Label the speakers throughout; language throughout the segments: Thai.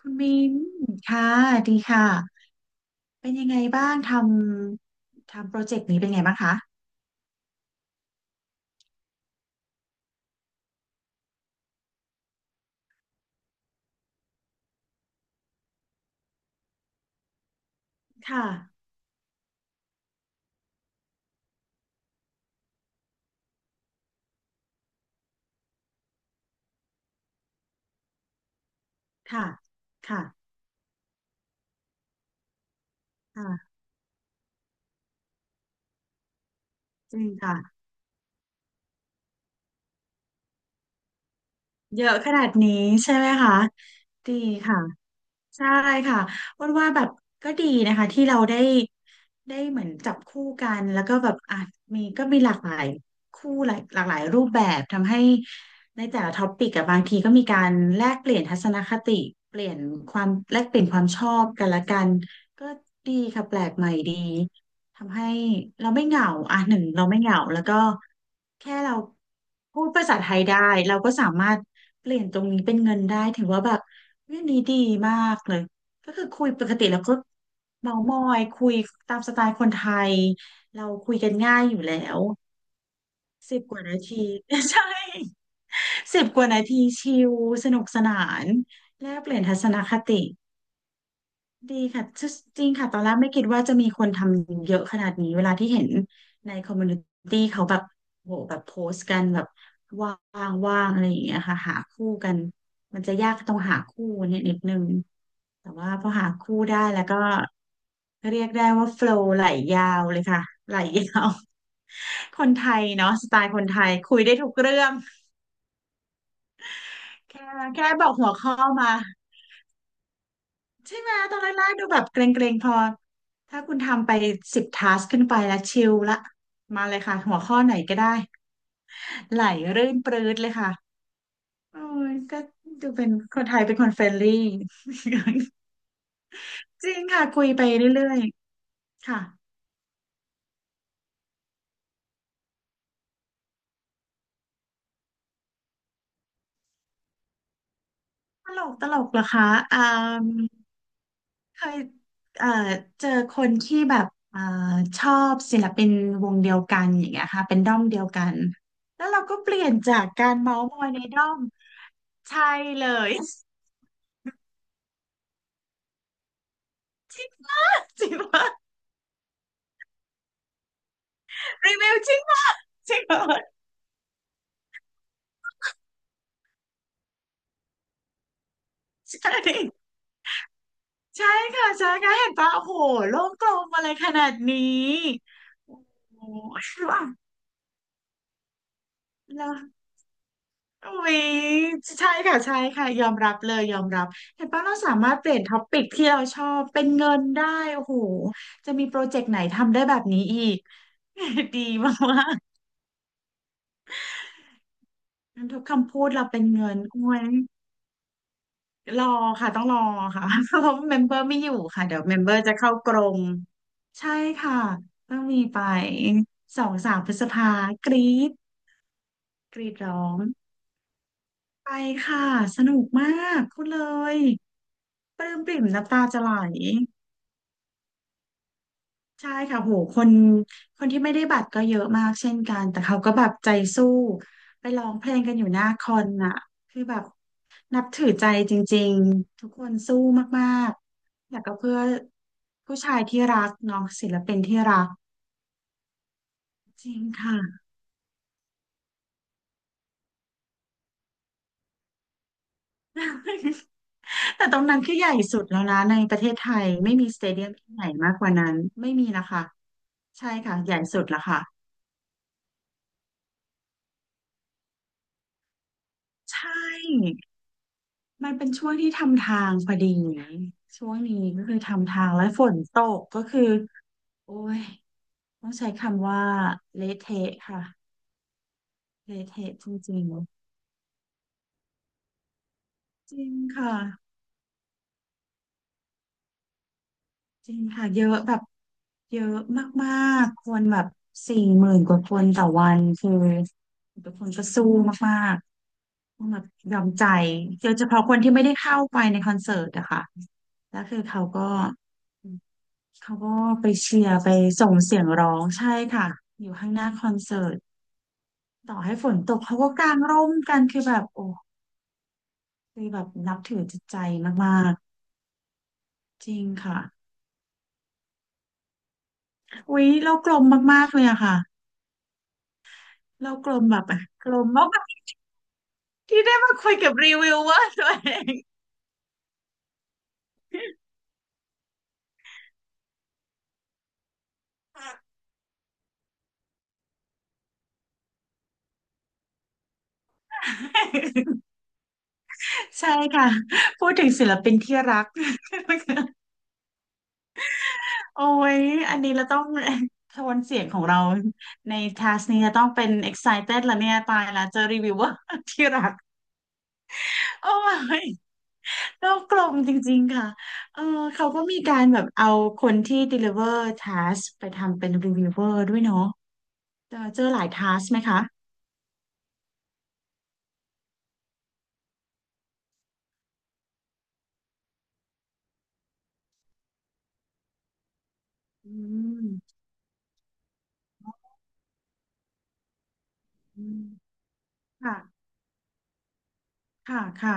Speaker 1: คุณมินค่ะดีค่ะ เป็นยังไงบ้างทำทำโปรเจกต์นี้เป็นไงบ้างคะ ค่ะ ค่ะ ค่ะค่ะจริงค่ะ เยอะขนาดนี้ใช่ไหมคะดีค่ะใช่ค่ะอ้วนว่าแบบก็ดีนะคะที่เราได้ได้เหมือนจับคู่กันแล้วก็แบบอ่ะมีก็มีหลากหลายคู่หลายหลากหลายรูปแบบทำให้ในแต่ละท็อปิกอะบางทีก็มีการแลกเปลี่ยนทัศนคติเปลี่ยนความแลกเปลี่ยนความชอบกันละกันก็ดีค่ะแปลกใหม่ดี ทำให้เราไม่เหงาอ่ะหนึ่งเราไม่เหงา แล้วก็แค่เราพูดภาษาไทยได้ เราก็สามารถเปลี่ยนตรงนี้เป็นเงินได้ถือว่าแบบเรื่องนี้ดีมากเลยก็คือคุยปกติแล้วก็เมามอยคุยตามสไตล์คนไทยเราคุยกันง่ายอยู่แล้วสิบกว่านาที ใช่10 กว่านาทีชิลสนุกสนานแลกเปลี่ยนทัศนคติ ดีค่ะจจริงค่ะ ตอนแรกไม่คิดว่าจะมีคนทำเยอะขนาดนี้ เวลาที่เห็นในคอมมูนิตี้เขาแบบโหแบบโพสต์กันแบบว่างว่างอะไรอย่างเงี้ยค่ะหาคู่กันมันจะยากตรงหาคู่เนี่ยนิดนึงแต่ว่าพอหาคู่ได้แล้วก็เรียกได้ว่าโฟลว์ไหลยาวเลยค่ะไหลยาว คนไทยเนาะสไตล์คนไทยคุยได้ทุกเรื่องแค่แค่บอกหัวข้อมา ใช่ไหมตอนแรกๆดูแบบเกรงๆพอถ้าคุณทำไปสิบทัสขึ้นไปแล้วชิลละมาเลยค่ะหัวข้อไหนก็ได้ไหลรื่นปรื๊ดเลยค่ะโอ้ยก็ดูเป็นคนไทยเป็นคนเฟรนลี่ จริงค่ะคุยไปเรื่อยๆค่ะตลกตลกเหรอคะอ่าเคยเอ่อเจอคนที่แบบอ่าชอบศิลปินวงเดียวกันอย่างเงี้ยค่ะเป็นด้อมเดียวกันแล้วเราก็เปลี่ยนจากการเมาส์มอยในด้อมใช่เลย จริงปะรีวิวจริงปะจริงปะใช่ใช่ค่ะใช่ค่ะเห็นปะโอ้โหโลกกลมอะไรขนาดนี้โอ้โหว่ะแล้ววิใช่ค่ะใช่ค่ะยอมรับเลยยอมรับเห็นปะเราสามารถเปลี่ยนท็อปิกที่เราชอบเป็นเงินได้โอ้โหจะมีโปรเจกต์ไหนทำได้แบบนี้อีก ดีมากๆงั้นทุกคำพูดเราเป็นเงินโอ้ย รอค่ะต้องรอค่ะ เพราะเมมเบอร์ไม่อยู่ค่ะเดี๋ยวเมมเบอร์จะเข้ากรงใช่ค่ะต้องมีไป2-3 พฤษภากรีดกรีดร้องไปค่ะสนุกมากพูดเลยปลื้มปริ่มน้ำตาจะไหลใช่ค่ะโหคนคนที่ไม่ได้บัตรก็เยอะมากเช่นกันแต่เขาก็แบบใจสู้ไปร้องเพลงกันอยู่หน้าคอนน่ะคือแบบ นับถือใจจริงๆทุกคนสู้มากๆแล้วก็เพื่อผู้ชายที่รักเน้องศิลปินที่รักจริงค่ะ แต่ตรงนั้นคือใหญ่สุดแล้วนะในประเทศไทยไม่มีสเตเดียมที่ไหนมากกว่านั้นไม่มีนะคะใช่ค่ะใหญ่สุดแล้วค่ะใช่ มันเป็นช่วงที่ทำทางพอดีช่วงนี้ก็คือทำทางและฝนตกก็คือโอ้ยต้องใช้คำว่าเละเทะค่ะเละเทะจริงๆจริงค่ะ จริงค่ะเยอะแบบเยอะมากๆคนแบบ40,000 กว่าคนต่อวันคือทุกคนก็สู้มากๆต้องแบบยอมใจโดยเฉพาะคนที่ไม่ได้เข้าไปในคอนเสิร์ตอะค่ะแล้วคือเขาก็เขาก็ไปเชียร์ไปส่งเสียงร้องใช่ค่ะอยู่ข้างหน้าคอนเสิร์ตต่อให้ฝนตกเขาก็กางร่มกันคือแบบโอ้คือแบบนับถือจิตใจมากๆจริงค่ะอุ๊ยเรากลมมากๆเลยอะค่ะเรากลมแบบกลมมาก ที่ได้มาคุยกับรีวิวเวอร์ตัวเอง ใช่ค่ะพูดถึงศิลปินที่รัก โอ้ยอันนี้เราต้องโทนเสียงของเราในทัสนี้จะต้องเป็น excited แล้วเนี่ยตายแล้วเจอรีวิวเวอร์ที่รัก โอ้ยโลกกลมจริงๆค่ะเออเขาก็มีการแบบเอาคนที่ deliver task ไปทำเป็น reviewer ด้วยเนาะเจอเจอหลาย task ไหมคะอืมอืมค่ะค่ะค่ะ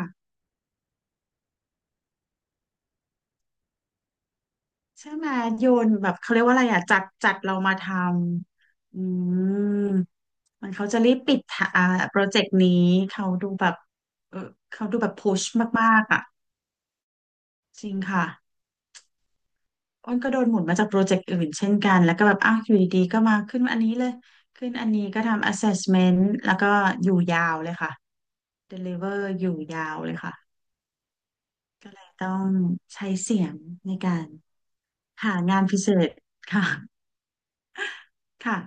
Speaker 1: ใช่ไหมโยนแบบเขาเรียกว่าอะไรอ่ะจัดจัดเรามาทำอืมมันเขาจะรีบปิดทะอ่าโปรเจกต์นี้เขาดูแบบเออเขาดูแบบพุชมากๆอ่ะจริงค่ะอ้นก็โดนหมุนมาจากโปรเจกต์อื่นเช่นกันแล้วก็แบบอ้าวอยู่ดีๆก็มาขึ้นอันนี้เลยขึ้นอันนี้ก็ทำ assessment แล้วก็อยู่ยาวเลยค่ะ deliver อยู่ยาวเลยค่ะก็เลยต้องใช้เสียงในการหางานพิเศษค่ะค่ะ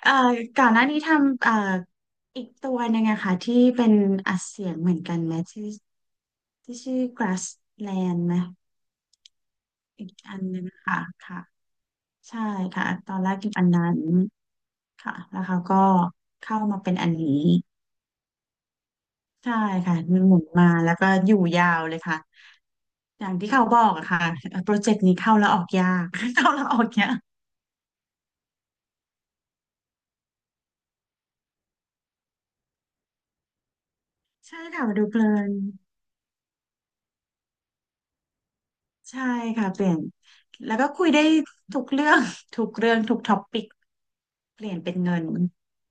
Speaker 1: เอ่อก่อนหน้านี้ทำอีกตัวหนึ่งอะค่ะที่เป็นอัดเสียงเหมือนกันไหมที่ที่ชื่อ Grassland ไหมอีกอันหนึงค่ะค่ะใช่ค่ะตอนแรกกินอันนั้นค่ะแล้วเขาก็เข้ามาเป็นอันนี้ใช่ค่ะหมุนมาแล้วก็อยู่ยาวเลยค่ะอย่างที่เขาบอกอะค่ะโปรเจกต์นี้เข้าแล้วออกยาก เข้าแล้วออกยากใช่ค่ะมาดูเพลิน ใช่ค่ะเปลี่ยนแล้วก็คุยได้ทุกเรื่อง ทุกเรื่องทุกท็อปปิกเปลี่ยนเป็นเงิน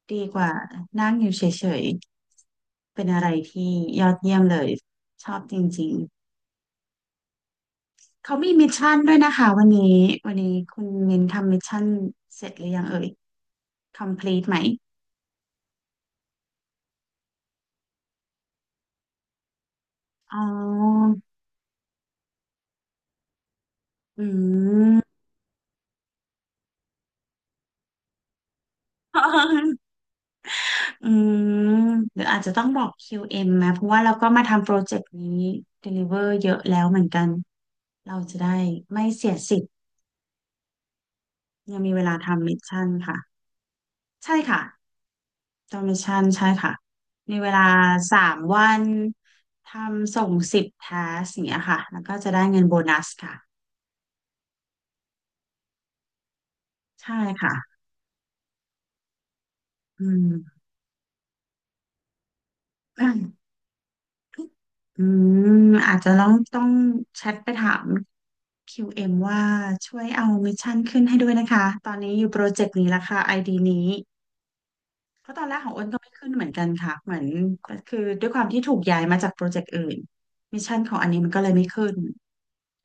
Speaker 1: ดีกว่านั่งอยู่เฉยๆเป็นอะไรที่ยอดเยี่ยมเลยชอบจริงๆเขามีมิชชั่นด้วยนะคะวันนี้วันนี้คุณมินทำมิชชั่นเสร็จหรือยังเอ่ย complete ไหมอ๋ออืม อืมหรืออาจจะต้องบอก QM นะเพราะว่าเราก็มาทำโปรเจกต์นี้ deliver เยอะแล้วเหมือนกัน เราจะได้ไม่เสียสิทธิ์ยังมีเวลาทำมิชชั่นค่ะใช่ค่ะทำมิชชั่นใช่ค่ะมีเวลาสามวันทำส่งสิบทัสอย่างเงี้ยค่ะแล้วก็จะได้เงินโบนัสค่ะใช่ค่ะอืม อืมอาจจะต้องแชทไปถาม QM วเอ็มว่าช่วยเอามิชชั่นขึ้นให้ด้วยนะคะตอนนี้อยู่โปรเจกต์นี้ละค่ะไอดีนี้ เพราะตอนแรกของอ้นก็ไม่ขึ้นเหมือนกันค่ะเหมือนก็คือด้วยความที่ถูกย้ายมาจากโปรเจกต์อื่นมิชชั่นของอันนี้มันก็เลยไม่ขึ้น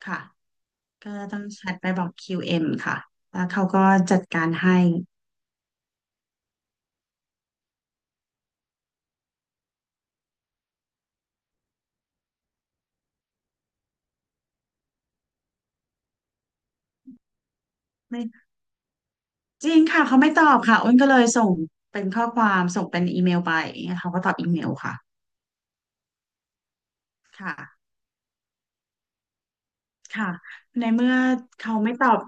Speaker 1: ค่ะก็ต้องแชทไปบอก QM ค่ะแล้วเขาก็จัดการให้ไม่จริงค่ะเขาไม่ตอบค่ะอ้นก็เลยส่งเป็นข้อความส่งเป็นอีเมลไปเขาก็ตอบอีเมลค่ะค่ะค่ะในเมื่อเขาไม่ตอบ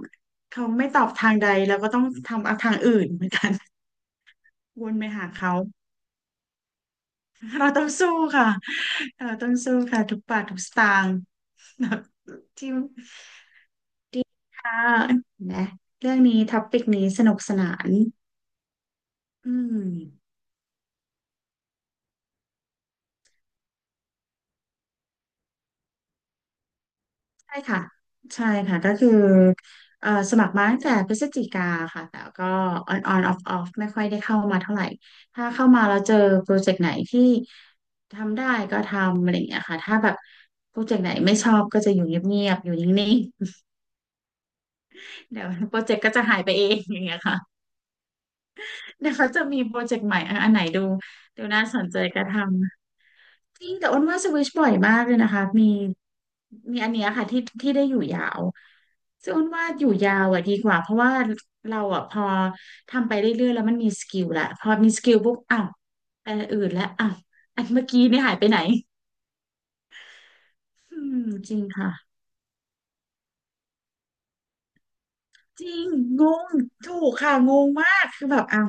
Speaker 1: เขาไม่ตอบทางใดเราก็ต้องทำเอาทางอื่นเหมือนกัน วนไปหาเขา เราต้องสู้ค่ะเราต้องสู้ค่ะทุกบาททุกสตางค์ที่ค่ะนะเรื่องนี้ท็อปิกนี้สนุกสนานอืมใช่ค่ะใช่ค่ะก็คือสมัครมาตั้งแต่พฤศจิกาค่ะแต่ก็ on on off off ไม่ค่อยได้เข้ามาเท่าไหร่ถ้าเข้ามาแล้วเจอโปรเจกต์ไหนที่ทำได้ก็ทำอะไรอย่างเงี้ยค่ะถ้าแบบโปรเจกต์ไหนไม่ชอบก็จะอยู่เงียบๆอยู่นิ่งๆเดี๋ยวโปรเจกต์ก็จะหายไปเองอย่างเงี้ยค่ะ เดี๋ยวเขาจะมีโปรเจกต์ใหม่อะอันไหนดูดูน่าสนใจก็ทำจริงแต่อ้นว่าสวิชบ่อยมากเลยนะคะมีอันเนี้ยค่ะที่ได้อยู่ยาวซึ่งอ้นว่าอยู่ยาวอ่ะดีกว่าเพราะว่าเราอ่ะพอทำไปเรื่อยๆแล้วมันมีสกิลละพอมีสกิลปุ๊บอ้าวอันอื่นแล้วอ้าวอันเมื่อกี้นี่หายไปไหนอืมจริงค่ะจริงงงถูกค่ะงงมากคือแบบอ้าว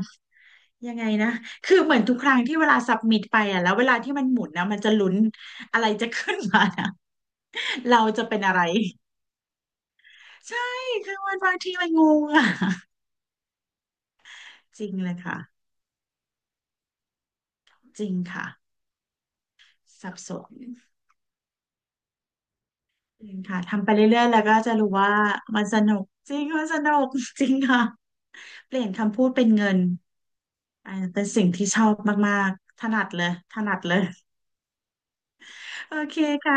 Speaker 1: ยังไงนะคือเหมือนทุกครั้งที่เวลาสับมิดไปอ่ะแล้วเวลาที่มันหมุนนะมันจะลุ้นอะไรจะขึ้นมานะ เราจะเป็นอะไร ใช่คือมันบางทีมันงงอ่ะ จริงเลยค่ะ จริงค่ะสับสนจริงค่ะทำไปเรื่อยๆแล้วก็จะรู้ว่ามันสนุกจริงมันสนุก จริงค่ะ เปลี่ยนคำพูดเป็นเงินอ่าเป็นสิ่งที่ชอบมากๆ ถนัดเลยถนัดเลย โอเคค่ะ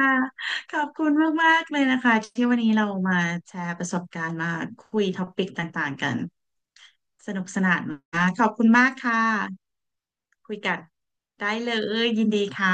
Speaker 1: ขอบคุณมากๆเลยนะคะที่วันนี้เรามาแชร์ประสบการณ์มาคุยท็อปิกต่างๆกันสนุกสนานมากขอบคุณมากค่ะคุยกันได้เลยยินดีค่ะ